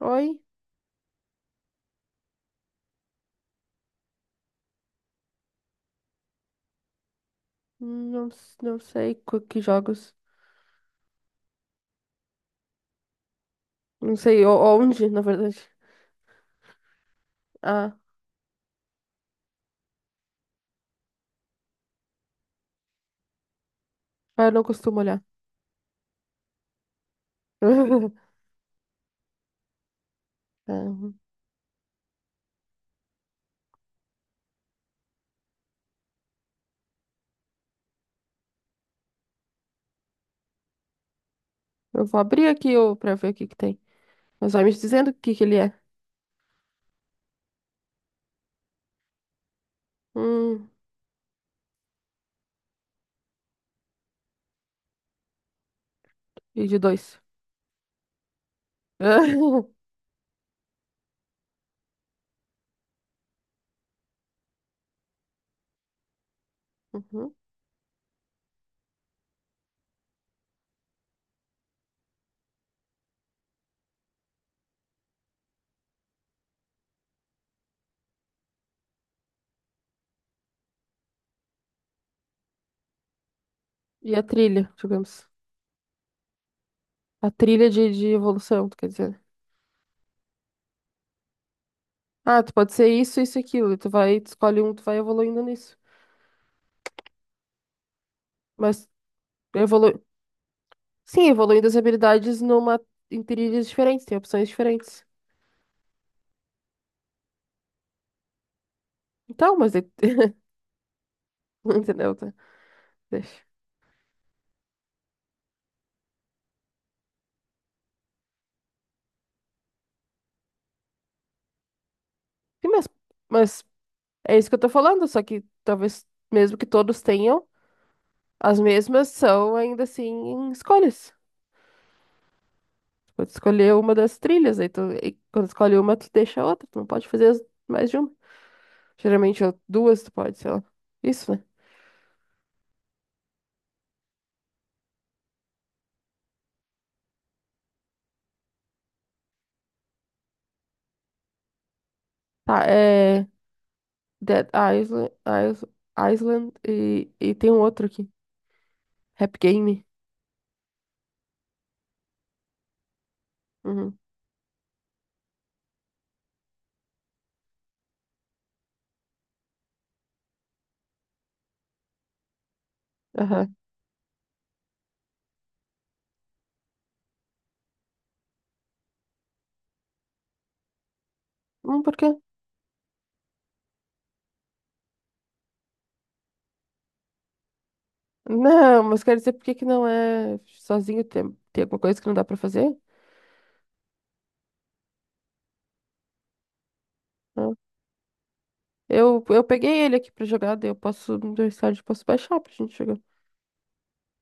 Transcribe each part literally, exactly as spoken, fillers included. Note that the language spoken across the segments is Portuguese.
Oi? Não, s- não sei co- que jogos. Não sei o- onde, na verdade. Ah, ah, eu não costumo olhar. Ah, eu vou abrir aqui o- pra ver o que que tem. Mas vai me dizendo o que que ele é. Hum, e de dois. Uhum. E a trilha, digamos. A trilha de, de evolução, tu quer dizer. Ah, tu pode ser isso, isso e aquilo. E tu vai, tu escolhe um, tu vai evoluindo nisso. Mas evolu... Sim, evoluindo as habilidades numa... em trilhas diferentes, tem opções diferentes. Então, mas daí... Entendeu? Tá? Deixa. E Mas, mas é isso que eu tô falando, só que talvez, mesmo que todos tenham, as mesmas são ainda assim escolhas. Tu pode escolher uma das trilhas, aí tu, e quando escolhe uma, tu deixa a outra, tu não pode fazer as- mais de uma. Geralmente ou duas tu pode, sei lá. Isso, né? Tá, é Dead Island, Is- Island e, e tem um outro aqui. Rap Game. Uhum. Aham. Hum, por quê? Não, mas quero dizer por que que não é sozinho, tem, tem alguma coisa que não dá pra fazer? Né? Eu, eu peguei ele aqui pra jogar, daí eu posso, no meu estádio, posso baixar pra gente jogar.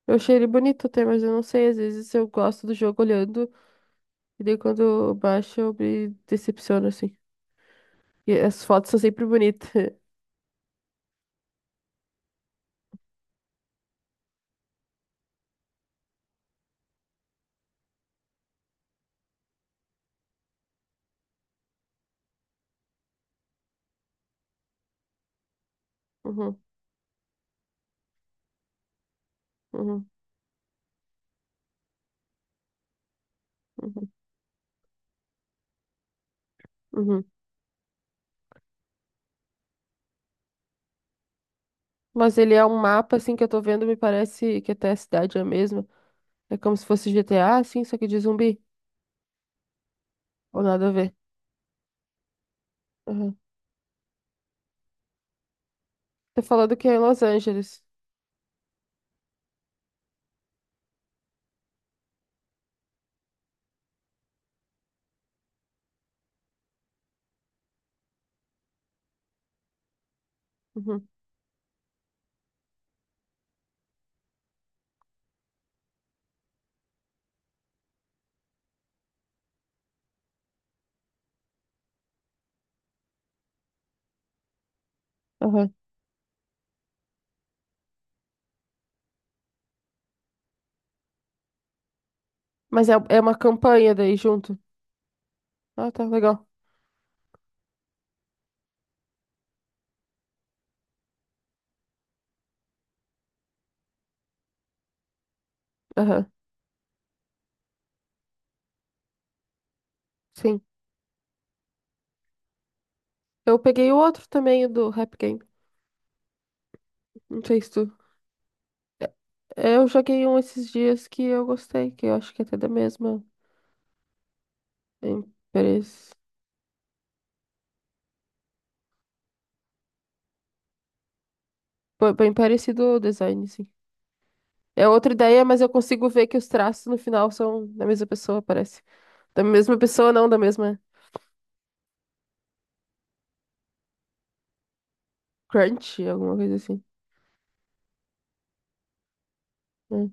Eu achei ele bonito até, mas eu não sei, às vezes eu gosto do jogo olhando, e daí quando eu baixo eu me decepciono, assim. E as fotos são sempre bonitas. Uhum, uhum, uhum, uhum. Mas ele é um mapa, assim, que eu tô vendo, me parece que até a cidade é a mesma. É como se fosse G T A, assim, só que de zumbi. Ou nada a ver. Aham. Você falou do que é em Los Angeles. Uhum. Aham. Mas é, é uma campanha daí junto. Ah, tá, legal. Aham. Sim. Eu peguei o outro também, o do Rap Game. Não sei se tu... É, eu joguei um esses dias que eu gostei, que eu acho que é até da mesma empresa. Bem bem parecido o design, sim. É outra ideia, mas eu consigo ver que os traços no final são da mesma pessoa, parece. Da mesma pessoa, não, da mesma... Crunch, alguma coisa assim. Né?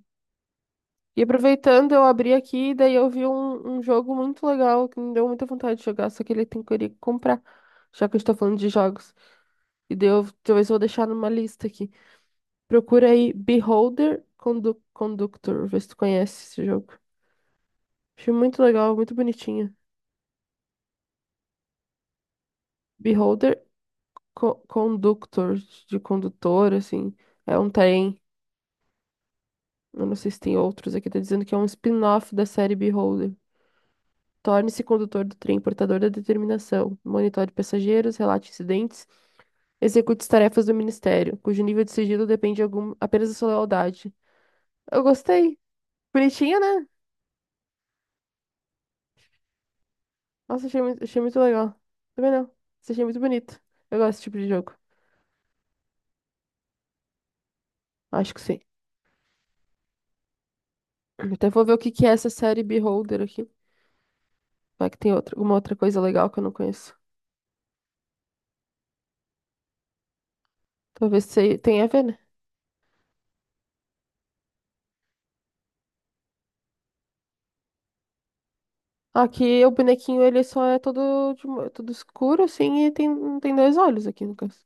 E aproveitando, eu abri aqui, daí eu vi um, um jogo muito legal que me deu muita vontade de jogar, só que ele tem que eu iria comprar, já que a gente tá falando de jogos. E daí eu talvez eu vou deixar numa lista aqui. Procura aí Beholder Condu Conductor, vê se tu conhece esse jogo. Achei muito legal, muito bonitinho. Beholder Co- Conductor, de condutor, assim. É um trem. Eu não sei se tem outros aqui, tá dizendo que é um spin-off da série Beholder. Torne-se condutor do trem portador da determinação. Monitore passageiros, relate incidentes, execute as tarefas do ministério, cujo nível de sigilo depende algum- apenas da sua lealdade. Eu gostei. Bonitinha, né? Nossa, achei muito, achei muito legal. Também não. Isso achei muito bonito. Eu gosto desse tipo de jogo. Acho que sim. Até vou ver o que que é essa série Beholder aqui. Vai que tem outra, alguma outra coisa legal que eu não conheço. Talvez se- tenha a ver, né? Aqui o bonequinho ele só é todo, de mo- todo escuro, assim, e tem, tem dois olhos aqui no caso.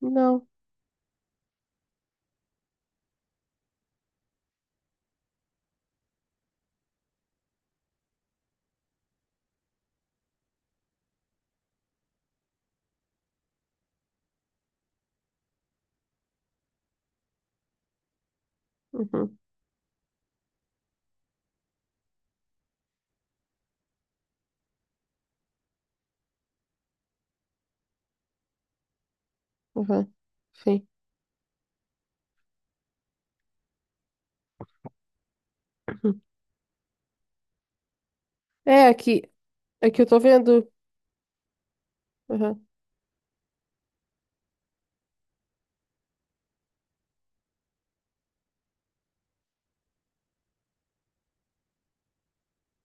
Não. Uhum. Aham, sim. Uhum. É, aqui, aqui eu tô vendo. Aham,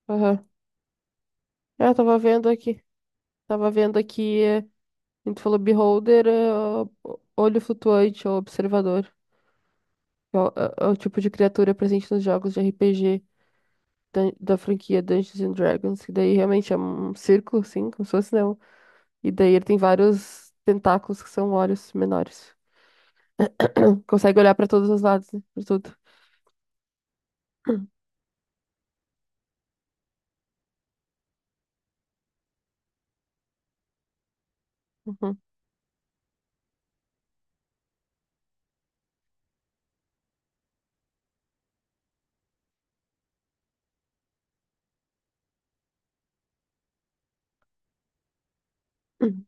aham. É, eu tava vendo aqui. Tava vendo aqui. É, a gente falou beholder, é, ó, olho flutuante ou observador. É o, é é o tipo de criatura presente nos jogos de R P G da, da franquia Dungeons and Dragons. E daí realmente é um círculo, assim, como se fosse, não. E daí ele tem vários tentáculos que são olhos menores. Hum, Consegue olhar pra todos os lados, né? Pra tudo. Uhum.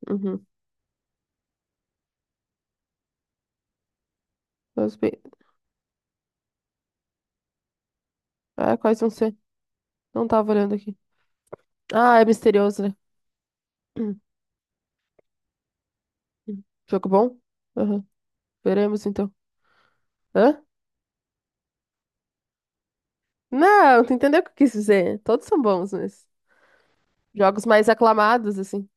Uhum. Mas bem. Ah, quais vão ser? Não tava olhando aqui. Ah, é misterioso, né? Hum, hum. Jogo bom? Aham. Veremos então. Hã? Não, tu entendeu o que eu quis dizer. Todos são bons, mas jogos mais aclamados, assim.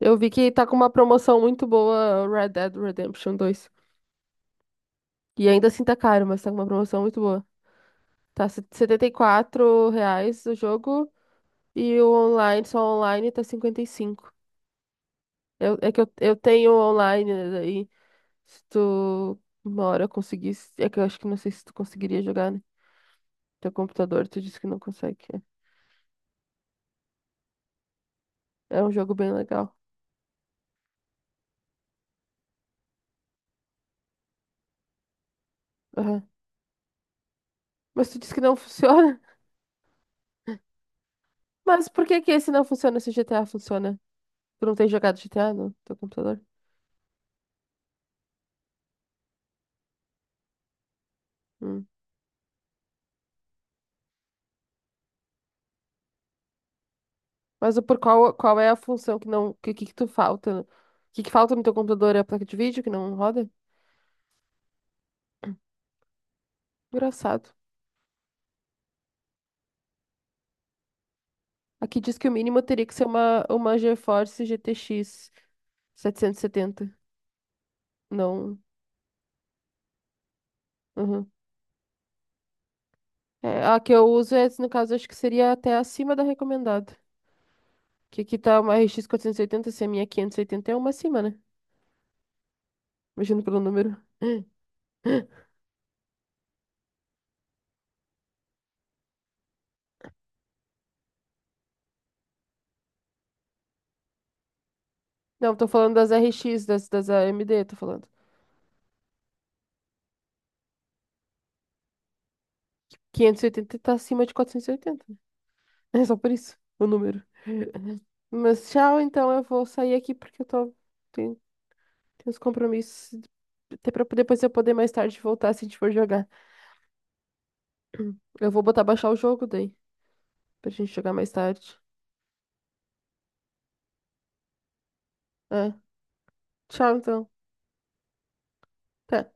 Eu vi que tá com uma promoção muito boa, Red Dead Redemption dois. E ainda assim tá caro, mas tá com uma promoção muito boa. Tá se- setenta e quatro reais o jogo e o online, só online, tá cinquenta e cinco. Eu, é que eu, eu tenho online, né, daí se tu uma hora conseguisse, é que eu acho que não sei se tu conseguiria jogar, né? Teu computador, tu disse que não consegue. É um jogo bem legal. Aham. Mas tu disse que não funciona? Mas por que que esse não funciona se o G T A funciona? Tu não tem jogado G T A no teu computador? Hum. Mas o- por qual, qual é a função que não. Que, que, que tu falta? O que, que falta no teu computador? É a placa de vídeo que não roda? Engraçado. Aqui diz que o mínimo teria que ser uma, uma GeForce G T X setecentos e setenta. Não. Uhum. É, a que eu uso, é, no caso, acho que seria até acima da recomendada. Que aqui tá uma R X quatrocentos e oitenta, se a minha é quinhentos e oitenta é uma acima, né? Imagino pelo número. Não, tô falando das R X, das, das A M D, tô falando. quinhentos e oitenta tá acima de quatrocentos e oitenta. Né? É só por isso, o número. Mas tchau, então eu vou sair aqui porque eu tô. Tenho, tenho uns compromissos. Até pra depois eu poder mais tarde voltar se a gente for jogar. Eu vou botar baixar o jogo daí, pra gente jogar mais tarde. É. Tchau, então. Até.